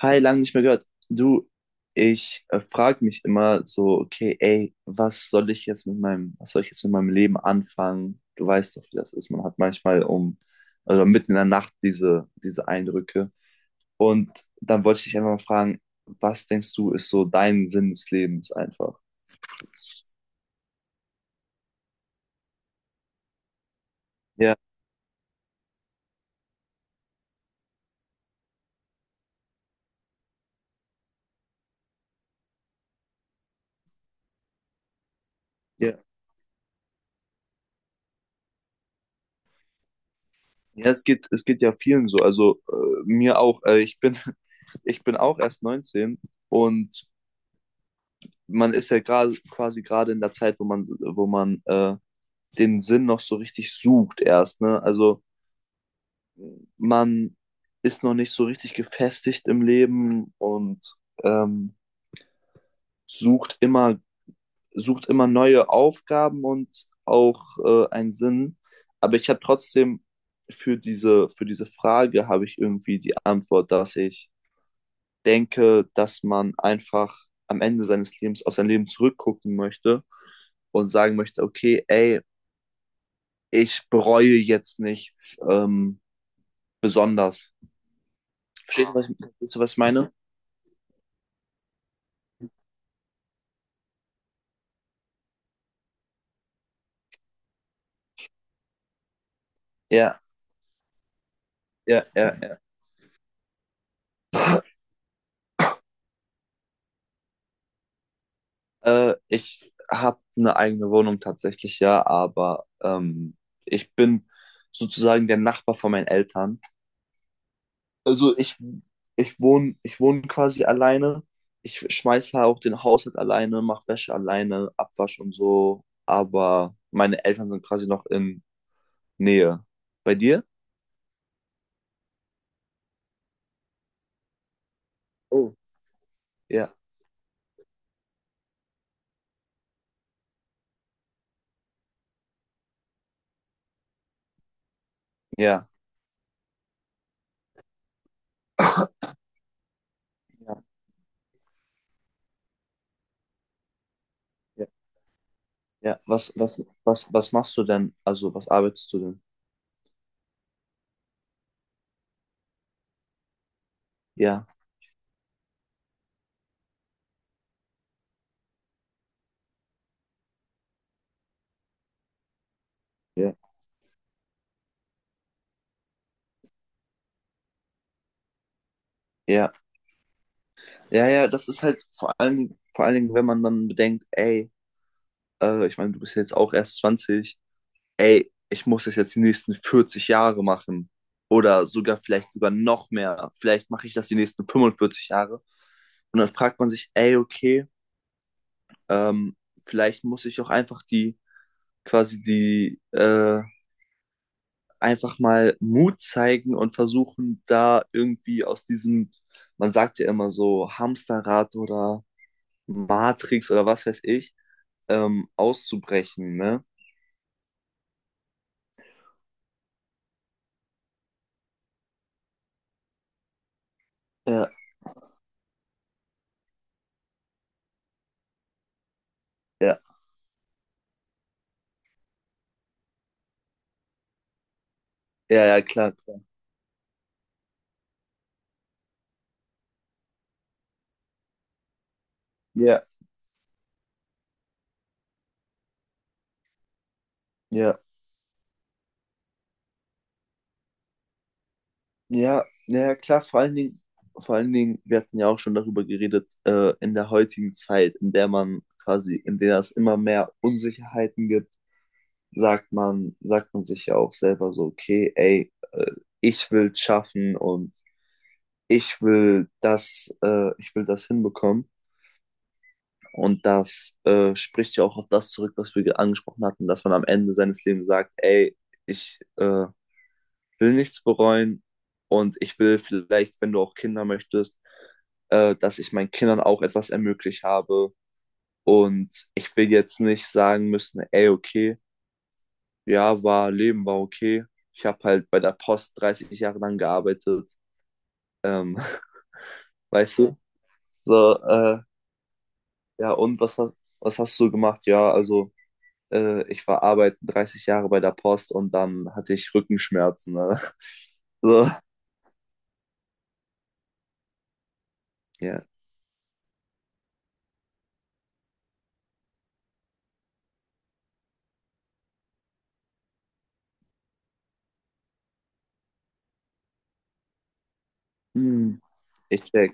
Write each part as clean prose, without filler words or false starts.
Hi, lange nicht mehr gehört. Du, ich frage mich immer so, okay, ey, was soll ich jetzt mit meinem Leben anfangen? Du weißt doch, wie das ist. Man hat manchmal, also mitten in der Nacht diese Eindrücke. Und dann wollte ich dich einfach mal fragen, was denkst du, ist so dein Sinn des Lebens einfach? Ja, ja. Ja, es geht ja vielen so. Also mir auch. Ich bin auch erst 19 und man ist ja gerade quasi gerade in der Zeit, wo man den Sinn noch so richtig sucht erst. Ne? Also man ist noch nicht so richtig gefestigt im Leben und ähm, sucht immer, sucht immer neue Aufgaben und auch einen Sinn. Aber ich habe trotzdem für diese Frage habe ich irgendwie die Antwort, dass ich denke, dass man einfach am Ende seines Lebens auf sein Leben zurückgucken möchte und sagen möchte, okay, ey, ich bereue jetzt nichts besonders. Verstehst du, was ich meine? Ja, ja, ja, ja. Ich habe eine eigene Wohnung tatsächlich, ja, aber ich bin sozusagen der Nachbar von meinen Eltern. Also ich, ich wohne quasi alleine. Ich schmeiße auch den Haushalt alleine, mache Wäsche alleine, Abwasch und so. Aber meine Eltern sind quasi noch in Nähe. Bei dir? Oh. Ja, ja, ja, ja, ja. Was machst du denn? Also, was arbeitest du denn? Ja. Ja, ja, ja, ja, das ist halt vor allen Dingen, wenn man dann bedenkt, ey, ich meine, du bist ja jetzt auch erst 20, ey, ich muss das jetzt die nächsten 40 Jahre machen oder sogar noch mehr, vielleicht mache ich das die nächsten 45 Jahre und dann fragt man sich, ey, okay, ähm, vielleicht muss ich auch quasi einfach mal Mut zeigen und versuchen, da irgendwie aus diesem, man sagt ja immer so, Hamsterrad oder Matrix oder was weiß ich, auszubrechen, ne? Ja, ja, ja, ja, klar, klar. Ja, ja, ja, ja, klar, vor allen Dingen, wir hatten ja auch schon darüber geredet, in der heutigen Zeit, in der man quasi, in der es immer mehr Unsicherheiten gibt, sagt man sich ja auch selber so, okay, ey, ich will schaffen und ich will ich will das hinbekommen. Und das spricht ja auch auf das zurück, was wir angesprochen hatten, dass man am Ende seines Lebens sagt, ey, ich will nichts bereuen und ich will vielleicht, wenn du auch Kinder möchtest, dass ich meinen Kindern auch etwas ermöglicht habe. Und ich will jetzt nicht sagen müssen, ey, okay, Leben war okay. Ich habe halt bei der Post 30 Jahre lang gearbeitet. Ähm, weißt du? So, ja, und was hast du gemacht? Ja, also äh, ich war arbeiten 30 Jahre bei der Post und dann hatte ich Rückenschmerzen. Ne? So, ja. Hm. Ich check.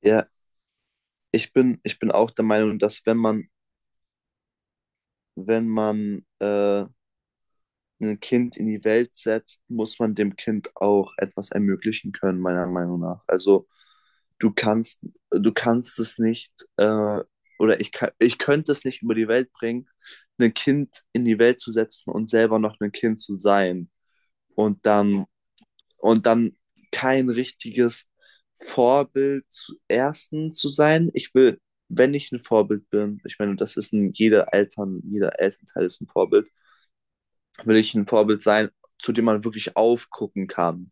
Ja, ich bin auch der Meinung, dass wenn man ein Kind in die Welt setzt, muss man dem Kind auch etwas ermöglichen können, meiner Meinung nach. Also du kannst, du kannst es nicht, oder ich könnte es nicht über die Welt bringen, ein Kind in die Welt zu setzen und selber noch ein Kind zu sein. Und dann und dann kein richtiges Vorbild zu ersten zu sein. Ich will, wenn ich ein Vorbild bin, ich meine, das ist ein jeder Eltern, jeder Elternteil ist ein Vorbild, will ich ein Vorbild sein, zu dem man wirklich aufgucken kann,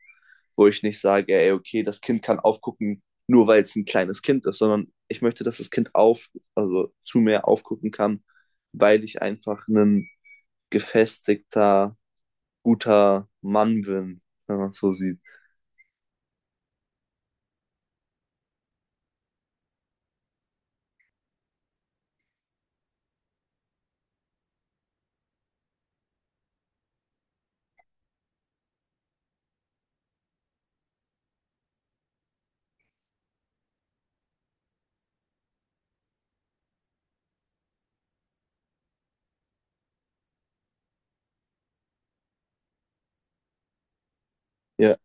wo ich nicht sage, ey, okay, das Kind kann aufgucken, nur weil es ein kleines Kind ist, sondern ich möchte, dass das also zu mir aufgucken kann, weil ich einfach ein gefestigter, guter Mann bin, wenn man es so sieht. Ja,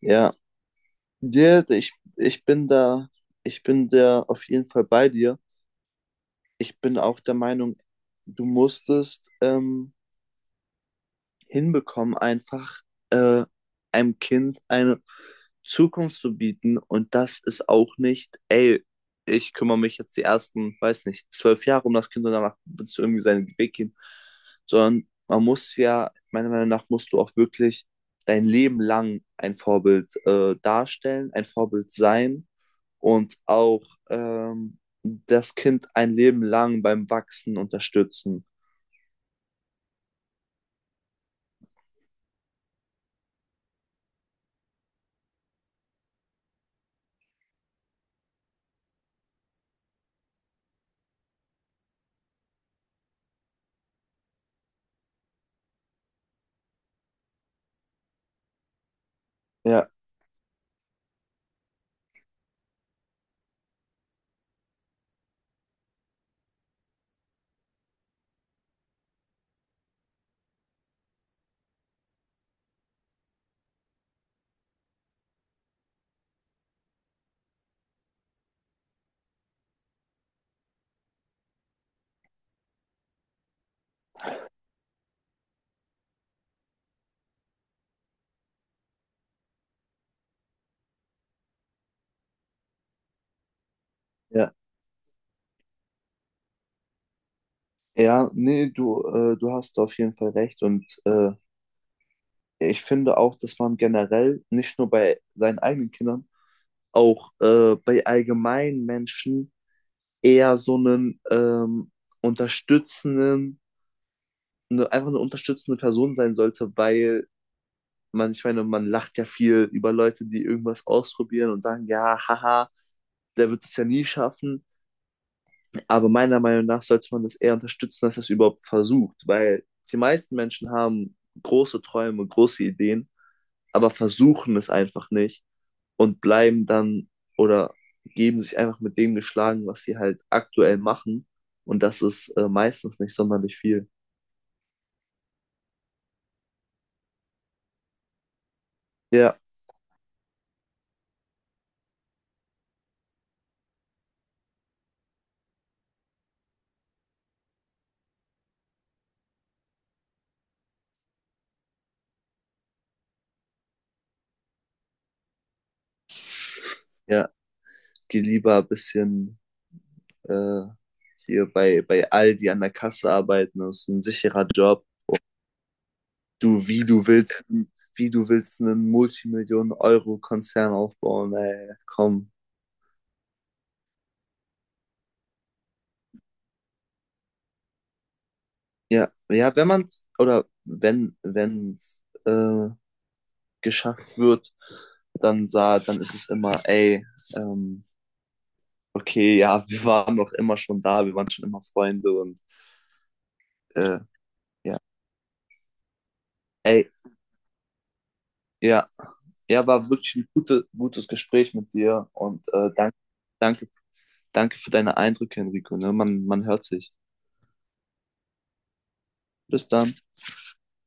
ja, ja, ich bin da auf jeden Fall bei dir. Ich bin auch der Meinung, du musstest hinbekommen, einfach äh, einem Kind eine Zukunft zu bieten. Und das ist auch nicht, ey, ich kümmere mich jetzt die ersten, weiß nicht, 12 Jahre um das Kind und danach wird es irgendwie seinen Weg gehen. Sondern man muss ja, meiner Meinung nach, musst du auch wirklich dein Leben lang ein Vorbild darstellen, ein Vorbild sein und auch das Kind ein Leben lang beim Wachsen unterstützen. Ja, ja. Ja, nee, du, du hast auf jeden Fall recht. Und ich finde auch, dass man generell nicht nur bei seinen eigenen Kindern, auch bei allgemeinen Menschen eher so einen unterstützenden, ne, einfach eine unterstützende Person sein sollte, weil man, ich meine, man lacht ja viel über Leute, die irgendwas ausprobieren und sagen, ja, haha, der wird es ja nie schaffen. Aber meiner Meinung nach sollte man das eher unterstützen, als das überhaupt versucht, weil die meisten Menschen haben große Träume, große Ideen, aber versuchen es einfach nicht und bleiben dann oder geben sich einfach mit dem geschlagen, was sie halt aktuell machen. Und das ist meistens nicht sonderlich viel. Ja, ja, geh lieber ein bisschen äh, hier bei Aldi an der Kasse arbeiten, das ist ein sicherer Job. Du, wie du willst einen Multimillionen-Euro-Konzern aufbauen, ey, komm. Ja, ja, wenn man, oder wenn es äh, geschafft wird, dann ist es immer, ey, ähm, okay, ja, wir waren doch immer schon da, wir waren schon immer Freunde und äh, ja, ey, ja, ja, war wirklich ein gutes Gespräch mit dir und äh, danke, danke für deine Eindrücke, Enrico, ne? Man hört sich. Bis dann.